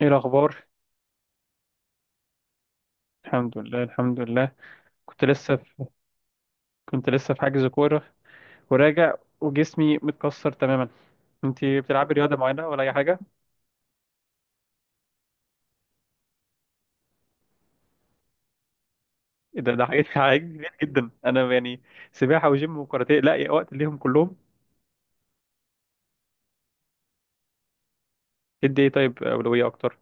ايه الاخبار؟ الحمد لله، الحمد لله. كنت لسه في كنت لسه في حجز كوره، وراجع، وجسمي متكسر تماما. انت بتلعبي رياضه معينه ولا اي حاجه؟ إيه ده، حاجات حاجات كتير جدا، انا يعني سباحه وجيم وكاراتيه، لا يا وقت ليهم كلهم؟ ادي ايه طيب؟ اولويه اكتر؟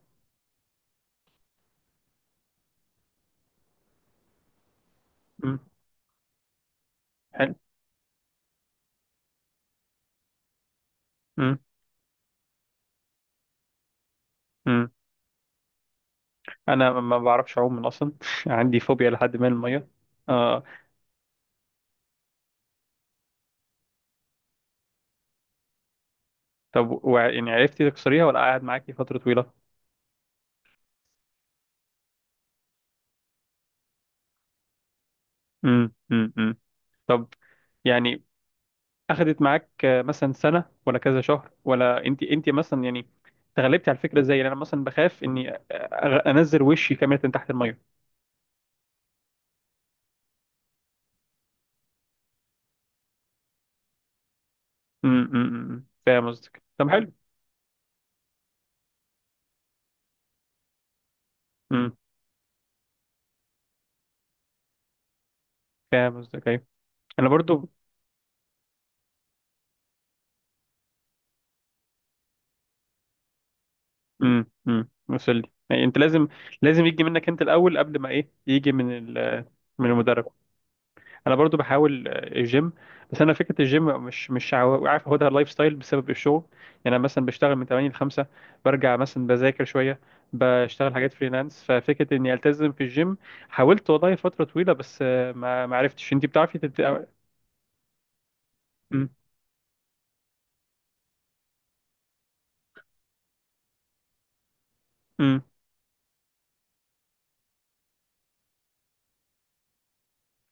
امم. حلو. امم، امم. انا ما بعرفش اعوم من اصلا، عندي فوبيا لحد ما الميه. اه. طب، يعني عرفتي تكسريها ولا قاعد معاكي فتره طويله؟ امم، امم، أمم. طب، يعني اخدت معاك، مثلا سنه ولا كذا شهر، ولا انت مثلا يعني تغلبتي على الفكره ازاي؟ لأن انا مثلا بخاف اني انزل وشي كامله تحت الميه. امم، أمم، أمم. فاهم قصدك. طب حلو. امم. فاهم قصدك، ايوه. انا برضو. امم، وصل لي. يعني انت لازم، لازم يجي منك انت الاول قبل ما ايه يجي من من المدرب. انا برضو بحاول، الجيم. بس انا فكره الجيم مش عارف اخدها لايف ستايل بسبب الشغل. يعني انا مثلا بشتغل من 8 ل 5، برجع مثلا بذاكر شويه، بشتغل حاجات فريلانس، ففكره اني التزم في الجيم حاولت والله فتره طويله بس، ما عرفتش. انت بتعرفي امم، امم.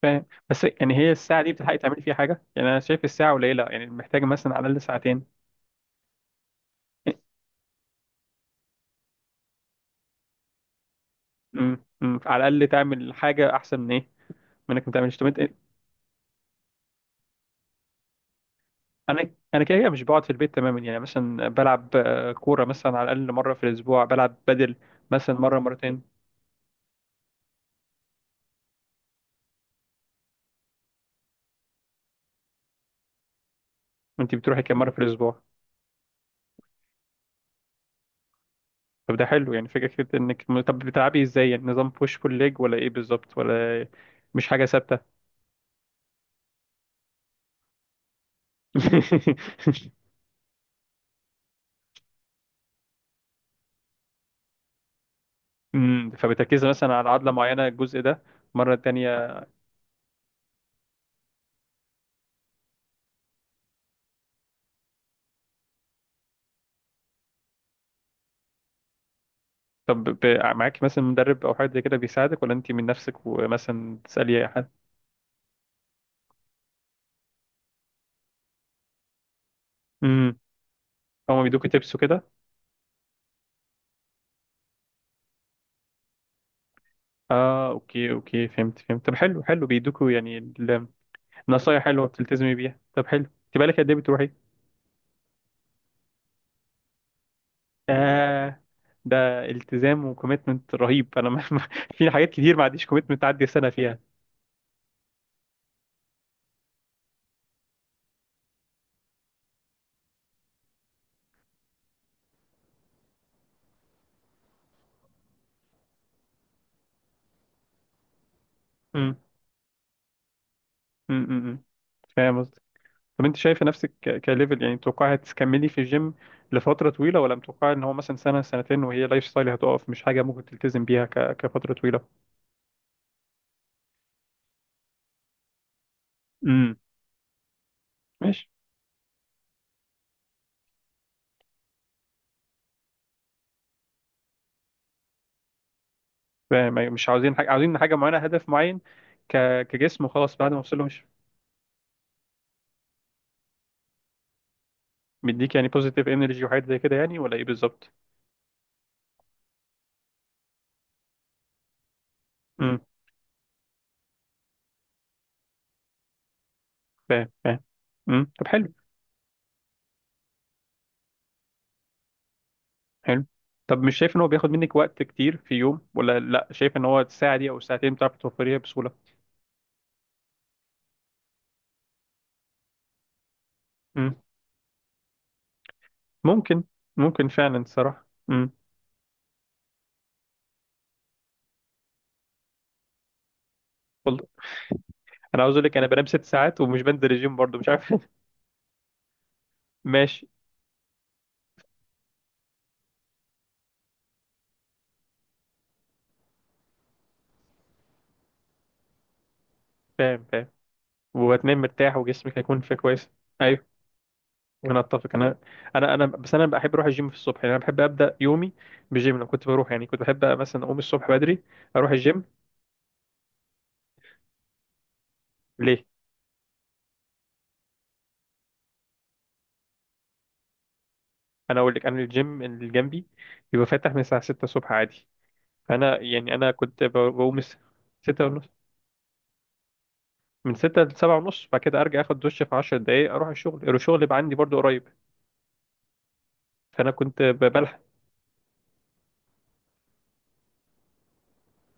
فاهم، بس يعني هي الساعه دي بتلحقي تعملي فيها حاجه؟ يعني انا شايف الساعه قليله، يعني محتاجه مثلا على الاقل ساعتين. امم، امم، على الاقل تعمل حاجه احسن من ايه، من انك ما تعملش. طب انت، انا كده كده مش بقعد في البيت تماما. يعني مثلا بلعب، كوره مثلا، على الاقل مره في الاسبوع بلعب بدل مثلا مره مرتين. وانت بتروحي كام مره في الاسبوع؟ طب ده حلو، يعني فكره كده. انك طب بتلعبي ازاي؟ يعني نظام بوش بول ليج ولا ايه بالظبط؟ ولا مش حاجه ثابته؟ فبتركزي مثلا على عضله معينه الجزء ده، مره تانية؟ طب، معاكي مثلا مدرب او حد زي كده بيساعدك، ولا انت من نفسك ومثلا تسالي اي حد؟ امم. هما بيدوكي تبس وكده؟ اه، اوكي اوكي، فهمت فهمت. طب حلو، حلو بيدوكوا يعني نصايح حلوه بتلتزمي بيها. طب حلو. انت بقالك قد ايه بتروحي؟ آه. ده التزام وكوميتمنت رهيب. انا في حاجات كتير ما عنديش كوميتمنت تعدي سنه فيها. امم، امم، فاهم قصدك. طب، انت شايفه نفسك كليفل يعني؟ متوقعي هتكملي في الجيم لفتره طويله، ولا متوقعي ان هو مثلا سنه سنتين وهي لايف ستايل هتقف، مش حاجه ممكن تلتزم بيها كفتره طويله؟ امم. ماشي. فاهم، أيوة، مش عاوزين حاجه، عاوزين حاجه معينه، هدف معين، ك... كجسم، وخلاص بعد ما اوصل له. مديك يعني بوزيتيف انرجي وحاجات زي كده يعني، ولا ايه بالظبط؟ امم. فاهم، فاهم. امم. طب حلو، حلو. طب مش شايف ان هو بياخد منك وقت كتير في يوم، ولا لا، شايف ان هو الساعه دي او الساعتين بتعرف توفريها بسهوله؟ امم. ممكن، ممكن فعلا الصراحه. امم. والله، انا عاوز اقول لك، انا بنام 6 ساعات ومش بنزل الجيم برضه، مش عارف. ماشي. فاهم، فاهم. وهتنام مرتاح وجسمك هيكون فيه كويس. ايوه. انا اتفق. انا، انا بس انا بحب اروح الجيم في الصبح. يعني انا بحب ابدا يومي بجيم. لو كنت بروح، يعني كنت بحب مثلا اقوم الصبح بدري اروح الجيم. ليه؟ انا اقول لك، انا الجيم اللي جنبي بيبقى فاتح من الساعه 6 الصبح عادي. فانا يعني، انا كنت بقوم 6 ونص، من 6 ل 7 ونص. بعد كده ارجع اخد دش في 10 دقايق، اروح الشغل. الشغل يبقى عندي برضو قريب، فانا كنت بلحق.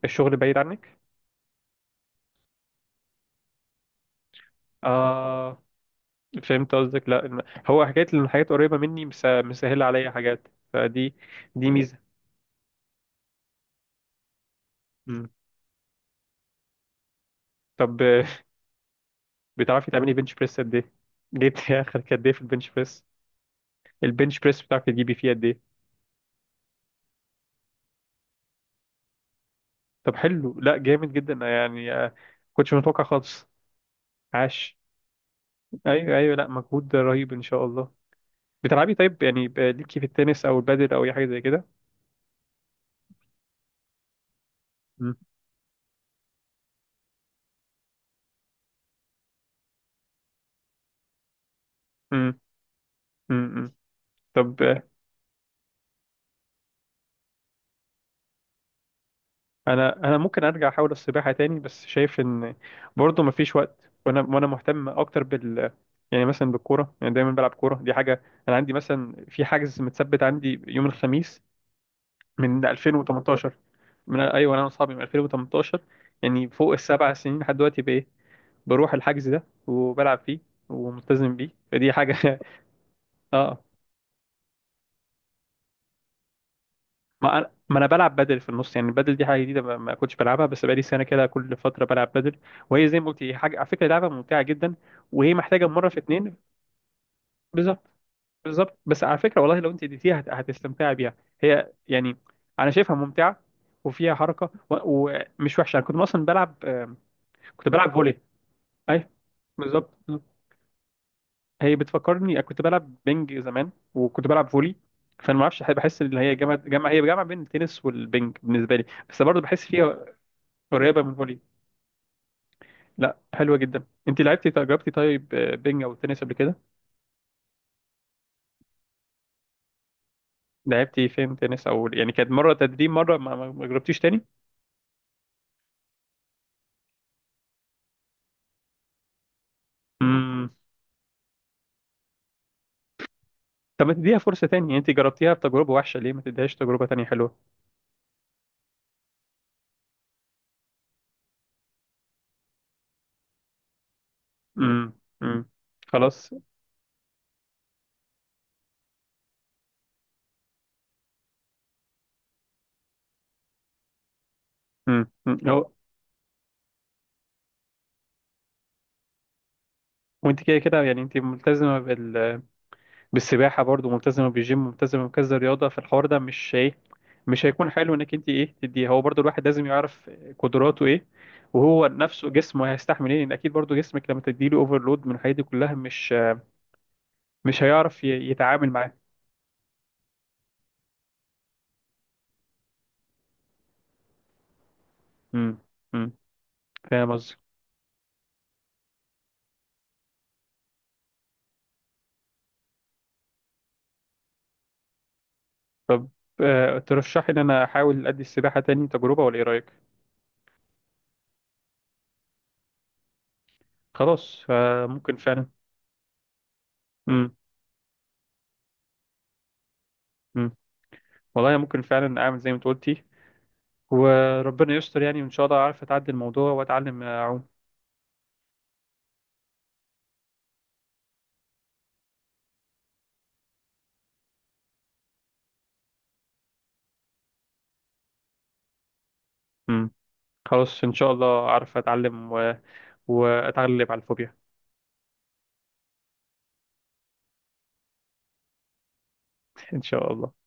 الشغل بعيد عنك؟ اه، فهمت قصدك، لا هو حكايه ان الحاجات قريبه مني مسهله عليا حاجات. فدي، دي ميزه. مم. طب بتعرفي تعملي بنش بريس قد ايه؟ جبتي اخر قد ايه في البنش بريس؟ البنش بريس بتعرفي تجيبي فيه قد ايه؟ طب حلو، لا جامد جدا يعني، كنتش متوقع خالص. عاش. ايوه ايوه، لا مجهود رهيب ان شاء الله. بتلعبي طيب يعني ليكي في التنس او البادل او اي حاجه زي كده؟ مم. مم. مم. مم. طب، انا ممكن ارجع احاول السباحه تاني، بس شايف ان برضه مفيش وقت، وانا مهتم اكتر بال، يعني مثلا بالكوره. يعني دايما بلعب كوره، دي حاجه انا عندي مثلا، في حجز متثبت عندي يوم الخميس من 2018. من، ايوه، انا واصحابي من 2018، يعني فوق السبع سنين لحد دلوقتي. بروح الحجز ده وبلعب فيه وملتزم بيه، فدي حاجة. اه. ما انا بلعب بدل في النص، يعني البدل دي حاجة جديدة، ما كنتش بلعبها، بس بقالي سنة كده كل فترة بلعب بدل. وهي زي ما قلت، هي حاجة على فكرة لعبة ممتعة جدا. وهي محتاجة مرة في اتنين. بالظبط، بالظبط، بس على فكرة، والله لو انت اديتيها هتستمتعي بيها. هي يعني، انا شايفها ممتعة وفيها حركة ومش وحشة. انا كنت اصلا بلعب، كنت بلعب فولي. اي، بالظبط. هي بتفكرني كنت بلعب بينج زمان وكنت بلعب فولي. فانا ما اعرفش، بحس ان هي جامعه، هي جامعه بين التنس والبينج بالنسبه لي، بس برضه بحس فيها قريبه من الفولي. لا حلوه جدا. انت لعبتي جربتي طيب بينج او تنس قبل كده؟ لعبتي فين تنس، او يعني كانت مره تدريب مره، ما جربتيش تاني؟ امم. طب ما تديها فرصه تاني؟ يعني انت جربتيها بتجربه وحشه، ليه ما تديهاش تجربه تانية حلوه؟ امم. امم. خلاص. امم، أمم. هو، وانت كده كده يعني انت ملتزمه بالسباحه، برضو ملتزمه بالجيم، ملتزمه بكذا رياضه، فالحوار ده مش ايه، مش هيكون حلو انك انت ايه تديه هو برضو. الواحد لازم يعرف قدراته ايه، وهو نفسه جسمه هيستحمل ايه، لان اكيد برضو جسمك لما تديله اوفرلود من الحاجات دي كلها، مش هيعرف يتعامل معاه. امم. امم. فاهم قصدي. طب ترشحي ان انا احاول ادي السباحه تاني تجربه، ولا ايه رايك؟ خلاص، ممكن فعلا. امم. امم. والله ممكن فعلا اعمل زي ما انت قلتي. وربنا يستر، يعني ان شاء الله اعرف اتعدي الموضوع واتعلم اعوم. مم. خلاص، ان شاء الله اعرف اتعلم واتغلب على الفوبيا. ان شاء الله.